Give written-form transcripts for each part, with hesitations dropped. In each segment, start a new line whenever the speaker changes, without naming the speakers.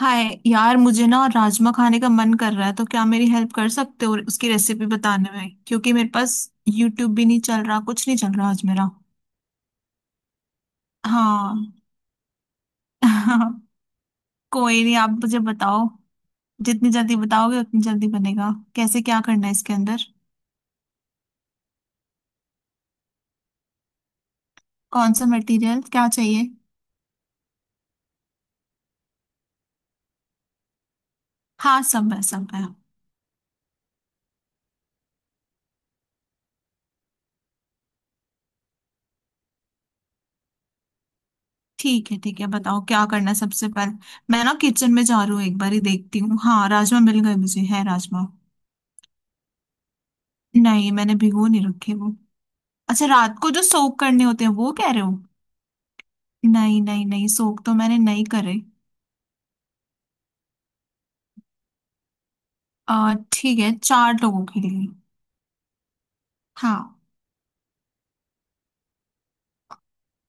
हाय यार, मुझे ना राजमा खाने का मन कर रहा है। तो क्या मेरी हेल्प कर सकते हो उसकी रेसिपी बताने में? क्योंकि मेरे पास यूट्यूब भी नहीं चल रहा, कुछ नहीं चल रहा आज मेरा। हाँ। कोई नहीं, आप मुझे बताओ। जितनी जल्दी बताओगे उतनी जल्दी बनेगा। कैसे, क्या करना है इसके अंदर? कौन सा मटेरियल क्या चाहिए? हाँ, सब है, सब है। ठीक है, ठीक है, बताओ क्या करना है सबसे पहले। मैं ना किचन में जा रही हूँ, एक बार ही देखती हूँ। हाँ, राजमा मिल गए मुझे, है राजमा। नहीं, मैंने भिगो नहीं रखे वो। अच्छा, रात को जो सोक करने होते हैं वो कह रहे हो? नहीं, नहीं, नहीं, सोक तो मैंने नहीं करे। आ ठीक है, चार लोगों के लिए। हाँ।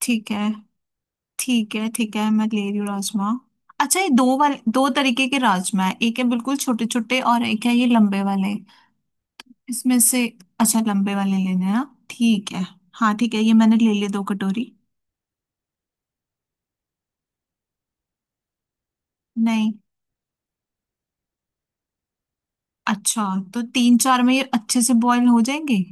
ठीक है, ठीक है, ठीक है, मैं ले रही हूँ राजमा। अच्छा, ये दो वाले, दो तरीके के राजमा है। एक है बिल्कुल छोटे छोटे और एक है ये लंबे वाले। इसमें से। अच्छा, लंबे वाले लेने हैं ना। ठीक है। हाँ, ठीक है, ये मैंने ले लिए दो कटोरी। नहीं। अच्छा, तो तीन चार में ये अच्छे से बॉईल हो जाएंगे।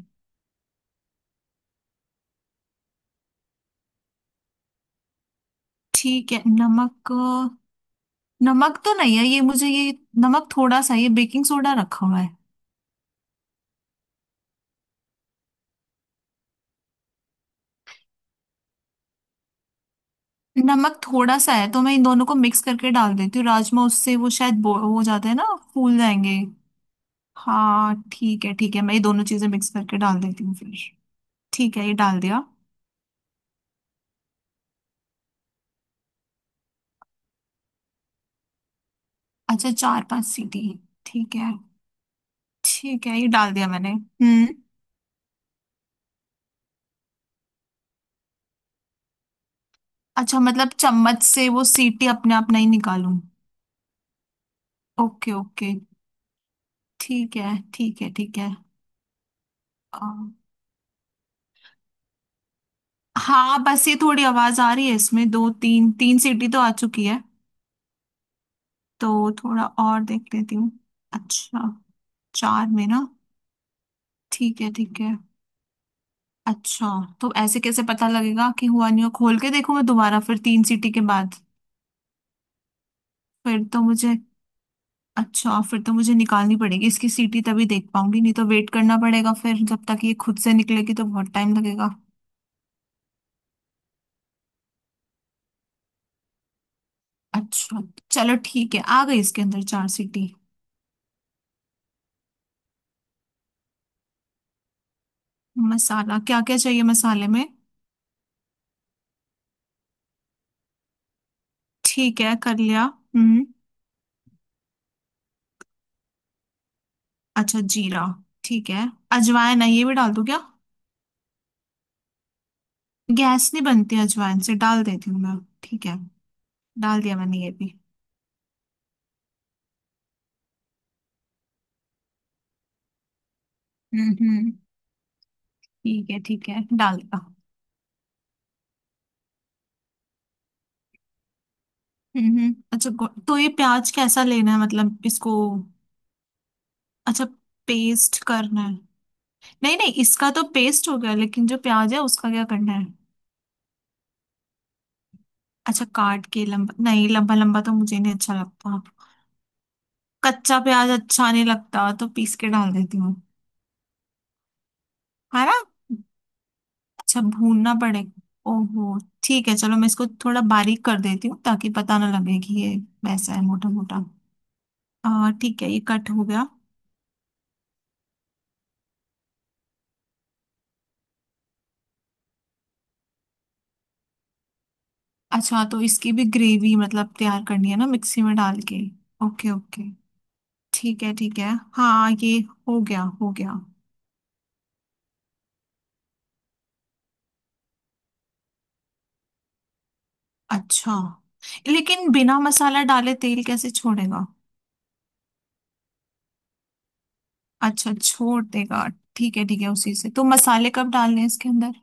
ठीक है, नमक। नमक तो नहीं है ये, मुझे ये। नमक थोड़ा सा, ये बेकिंग सोडा रखा हुआ है। नमक थोड़ा सा है तो मैं इन दोनों को मिक्स करके डाल देती हूँ राजमा। उससे वो शायद हो जाते हैं ना। फूल जाएंगे। हाँ, ठीक है, ठीक है, मैं ये दोनों चीजें मिक्स करके डाल देती हूँ फिर। ठीक है, ये डाल दिया। अच्छा, चार पांच सीटी। ठीक है, ठीक है, ये डाल दिया मैंने। हम्म। अच्छा, मतलब चम्मच से वो सीटी अपने आप नहीं निकालूं? Okay, okay. ठीक है, ठीक है, ठीक। है। हाँ, बस ये थोड़ी आवाज आ रही है इसमें, दो तीन तीन सीटी तो आ चुकी है। तो थोड़ा और देख लेती हूँ। अच्छा, चार में ना? ठीक है, ठीक है। अच्छा, तो ऐसे कैसे पता लगेगा कि हुआ नहीं हुआ? खोल के देखो मैं दोबारा, फिर तीन सीटी के बाद? फिर तो मुझे अच्छा, फिर तो मुझे निकालनी पड़ेगी इसकी सीटी, तभी देख पाऊंगी, नहीं तो वेट करना पड़ेगा फिर जब तक ये खुद से निकलेगी, तो बहुत टाइम लगेगा। अच्छा। चलो, ठीक है, आ गई इसके अंदर चार सीटी। मसाला क्या क्या चाहिए मसाले में? ठीक है, कर लिया। हम्म। अच्छा, जीरा। ठीक है। अजवाइन है, ये भी डाल दूं क्या? गैस नहीं बनती अजवाइन से, डाल देती हूँ मैं। ठीक है। डाल दिया मैंने ये भी। हम्म, हम्म। ठीक है, ठीक है, डाल दिया। हम्म, हम्म। अच्छा, तो ये प्याज कैसा लेना है, मतलब इसको। अच्छा, पेस्ट करना है। नहीं, नहीं, इसका तो पेस्ट हो गया, लेकिन जो प्याज है उसका क्या करना है? अच्छा, काट के लंबा, नहीं, लंबा लंबा तो मुझे नहीं अच्छा लगता। कच्चा प्याज अच्छा नहीं लगता, तो पीस के डाल देती हूँ। है ना? अच्छा, भूनना पड़ेगा। ओहो। ठीक है, चलो, मैं इसको थोड़ा बारीक कर देती हूँ ताकि पता ना लगे कि ये वैसा है मोटा मोटा। आ ठीक है, ये कट हो गया। अच्छा, तो इसकी भी ग्रेवी मतलब तैयार करनी है ना मिक्सी में डाल के? ओके, ओके, ठीक है, ठीक है, हाँ, ये। हो गया, हो गया। अच्छा, लेकिन बिना मसाला डाले तेल कैसे छोड़ेगा? अच्छा, छोड़ देगा। ठीक है, ठीक है, उसी से। तो मसाले कब डालने हैं इसके अंदर?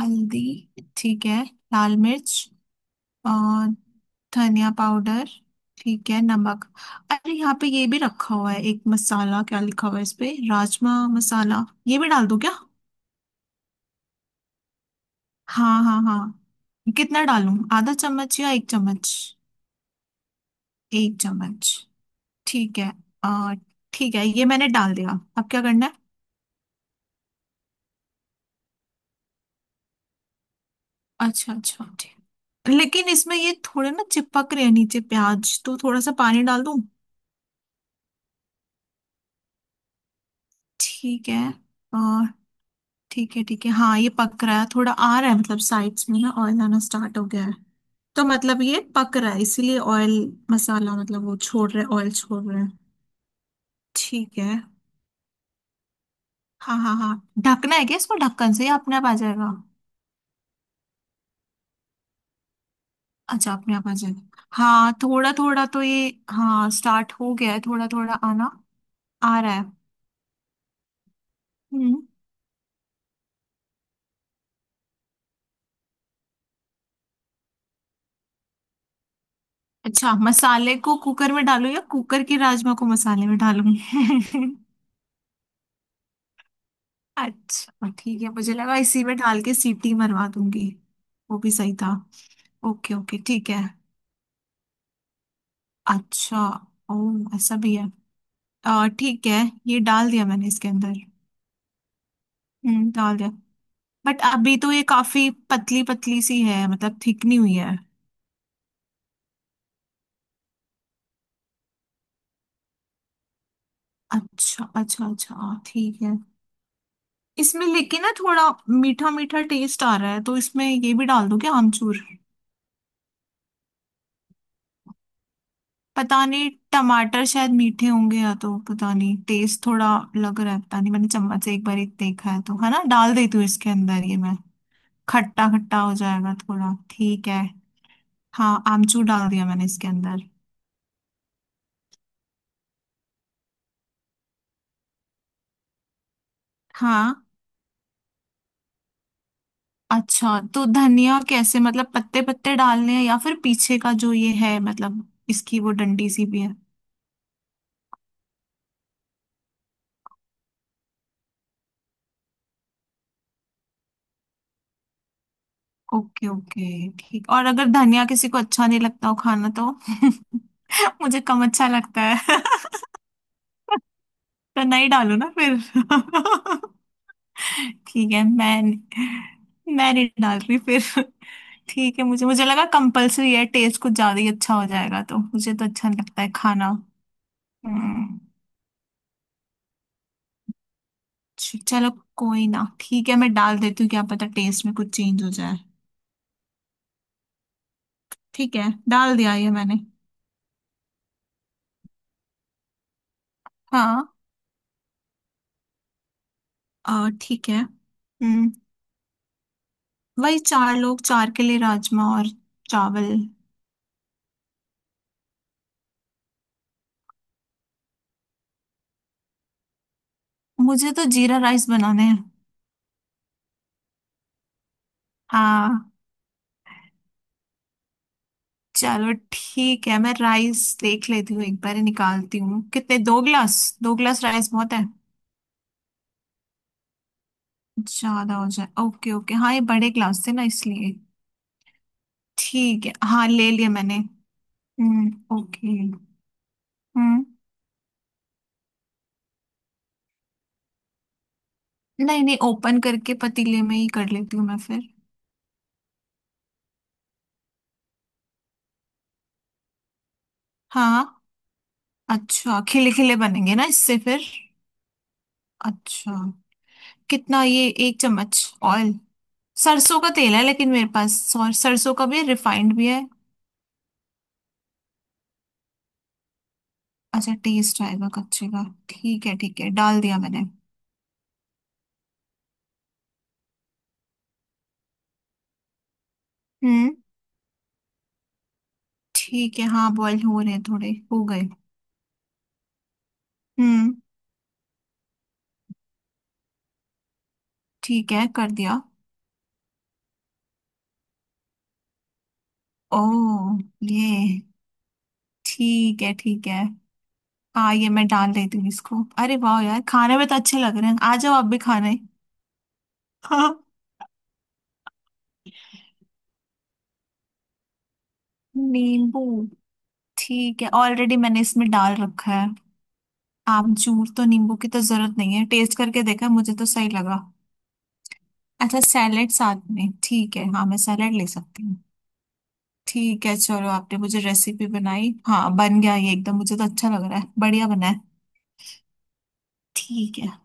हल्दी। ठीक है। लाल मिर्च। और? धनिया पाउडर। ठीक है, नमक। अरे, यहाँ पे ये भी रखा हुआ है एक मसाला, क्या लिखा हुआ है इस पे, राजमा मसाला। ये भी डाल दूं क्या? हाँ, हाँ, हाँ, कितना डालूं, आधा चम्मच या एक चम्मच? एक चम्मच। ठीक है। आ, ठीक है, ये मैंने डाल दिया। अब क्या करना है? अच्छा, अच्छा, ठीक। लेकिन इसमें ये थोड़े ना चिपक रहे हैं नीचे प्याज, तो थोड़ा सा पानी डाल दूं? ठीक है। आ, ठीक है, ठीक है, हाँ, ये पक रहा है, थोड़ा आ रहा है, मतलब साइड्स में ना ऑयल आना स्टार्ट हो गया है। तो मतलब ये पक रहा है इसीलिए ऑयल, मसाला मतलब वो छोड़ रहे, ऑयल छोड़ रहे हैं। ठीक है, हाँ, हाँ, हाँ। ढकना है क्या इसको ढक्कन से, या अपने आप आ जाएगा? अच्छा, अपने आप आ जाएगा। हाँ, थोड़ा थोड़ा तो ये, हाँ, स्टार्ट हो गया है थोड़ा थोड़ा आना। आ रहा है। हम्म। अच्छा, मसाले को कुकर में डालूं या कुकर के राजमा को मसाले में डालूं? अच्छा, ठीक है, मुझे लगा इसी में डाल के सीटी मरवा दूंगी। वो भी सही था। ओके, ओके, ठीक है। अच्छा। ओह, ऐसा भी है। ठीक है, ये डाल दिया मैंने इसके अंदर। हम्म, डाल दिया। बट अभी तो ये काफी पतली पतली सी है, मतलब थिक नहीं हुई है। अच्छा, अच्छा, अच्छा, ठीक है। इसमें लेकिन ना थोड़ा मीठा मीठा टेस्ट आ रहा है, तो इसमें ये भी डाल दूं क्या, आमचूर? पता नहीं टमाटर शायद मीठे होंगे, या तो पता नहीं, टेस्ट थोड़ा लग रहा है। पता नहीं, मैंने चम्मच से एक बार ही देखा है तो, है ना, डाल देती हूँ इसके अंदर ये मैं। खट्टा खट्टा हो जाएगा थोड़ा, ठीक है। हाँ, आमचूर डाल दिया मैंने इसके अंदर। हाँ। अच्छा, तो धनिया कैसे, मतलब पत्ते पत्ते डालने हैं या फिर पीछे का जो ये है, मतलब इसकी वो डंडी सी भी है? ओके, ओके, ठीक। और अगर धनिया किसी को अच्छा नहीं लगता हो खाना तो? मुझे कम अच्छा लगता है। तो नहीं डालो ना फिर। ठीक है, मैं नहीं डाल रही फिर। ठीक है, मुझे मुझे लगा कंपलसरी है, टेस्ट कुछ ज्यादा ही अच्छा हो जाएगा तो। मुझे तो अच्छा नहीं लगता है खाना। हम्म। चलो। कोई ना, ठीक है, मैं डाल देती हूँ, क्या पता टेस्ट में कुछ चेंज हो जाए। ठीक है, डाल दिया ये मैंने। हाँ। और, ठीक है, हम्म। वही चार लोग, चार के लिए राजमा और चावल। मुझे तो जीरा राइस बनाने हैं। हाँ, चलो, ठीक है, मैं राइस देख लेती हूँ, एक बार ही निकालती हूँ। कितने? दो ग्लास, दो ग्लास राइस बहुत है। ज्यादा हो जाए? ओके, ओके, हाँ, ये बड़े ग्लास थे ना इसलिए। ठीक है, हाँ, ले लिया मैंने। हम्म, ओके। हम्म, नहीं, नहीं, ओपन करके पतीले में ही कर लेती हूँ मैं फिर। हाँ, अच्छा, खिले खिले बनेंगे ना इससे फिर? अच्छा, कितना ये, एक चम्मच? ऑयल? सरसों का तेल है लेकिन मेरे पास, और सरसों का भी है, रिफाइंड भी है। अच्छा, टेस्ट आएगा कच्चे का? ठीक है, ठीक है, डाल दिया मैंने। हम्म। ठीक है, हाँ, बॉईल हो रहे हैं, थोड़े हो गए। हम्म। ठीक है, कर दिया। ओ। ये। ठीक है, ठीक है, हाँ, ये मैं डाल देती हूँ इसको। अरे वाह यार, खाने में तो अच्छे लग रहे हैं, आ जाओ आप भी खाने। हाँ। नींबू। ठीक है, ऑलरेडी मैंने इसमें डाल रखा है। आमचूर तो, नींबू की तो जरूरत नहीं है, टेस्ट करके देखा, मुझे तो सही लगा। अच्छा, सैलेड साथ में, ठीक है, हाँ, मैं सैलेड ले सकती हूँ। ठीक है, चलो, आपने मुझे रेसिपी बनाई। हाँ, बन गया ये एकदम, मुझे तो अच्छा लग रहा है, बढ़िया बना है। ठीक है।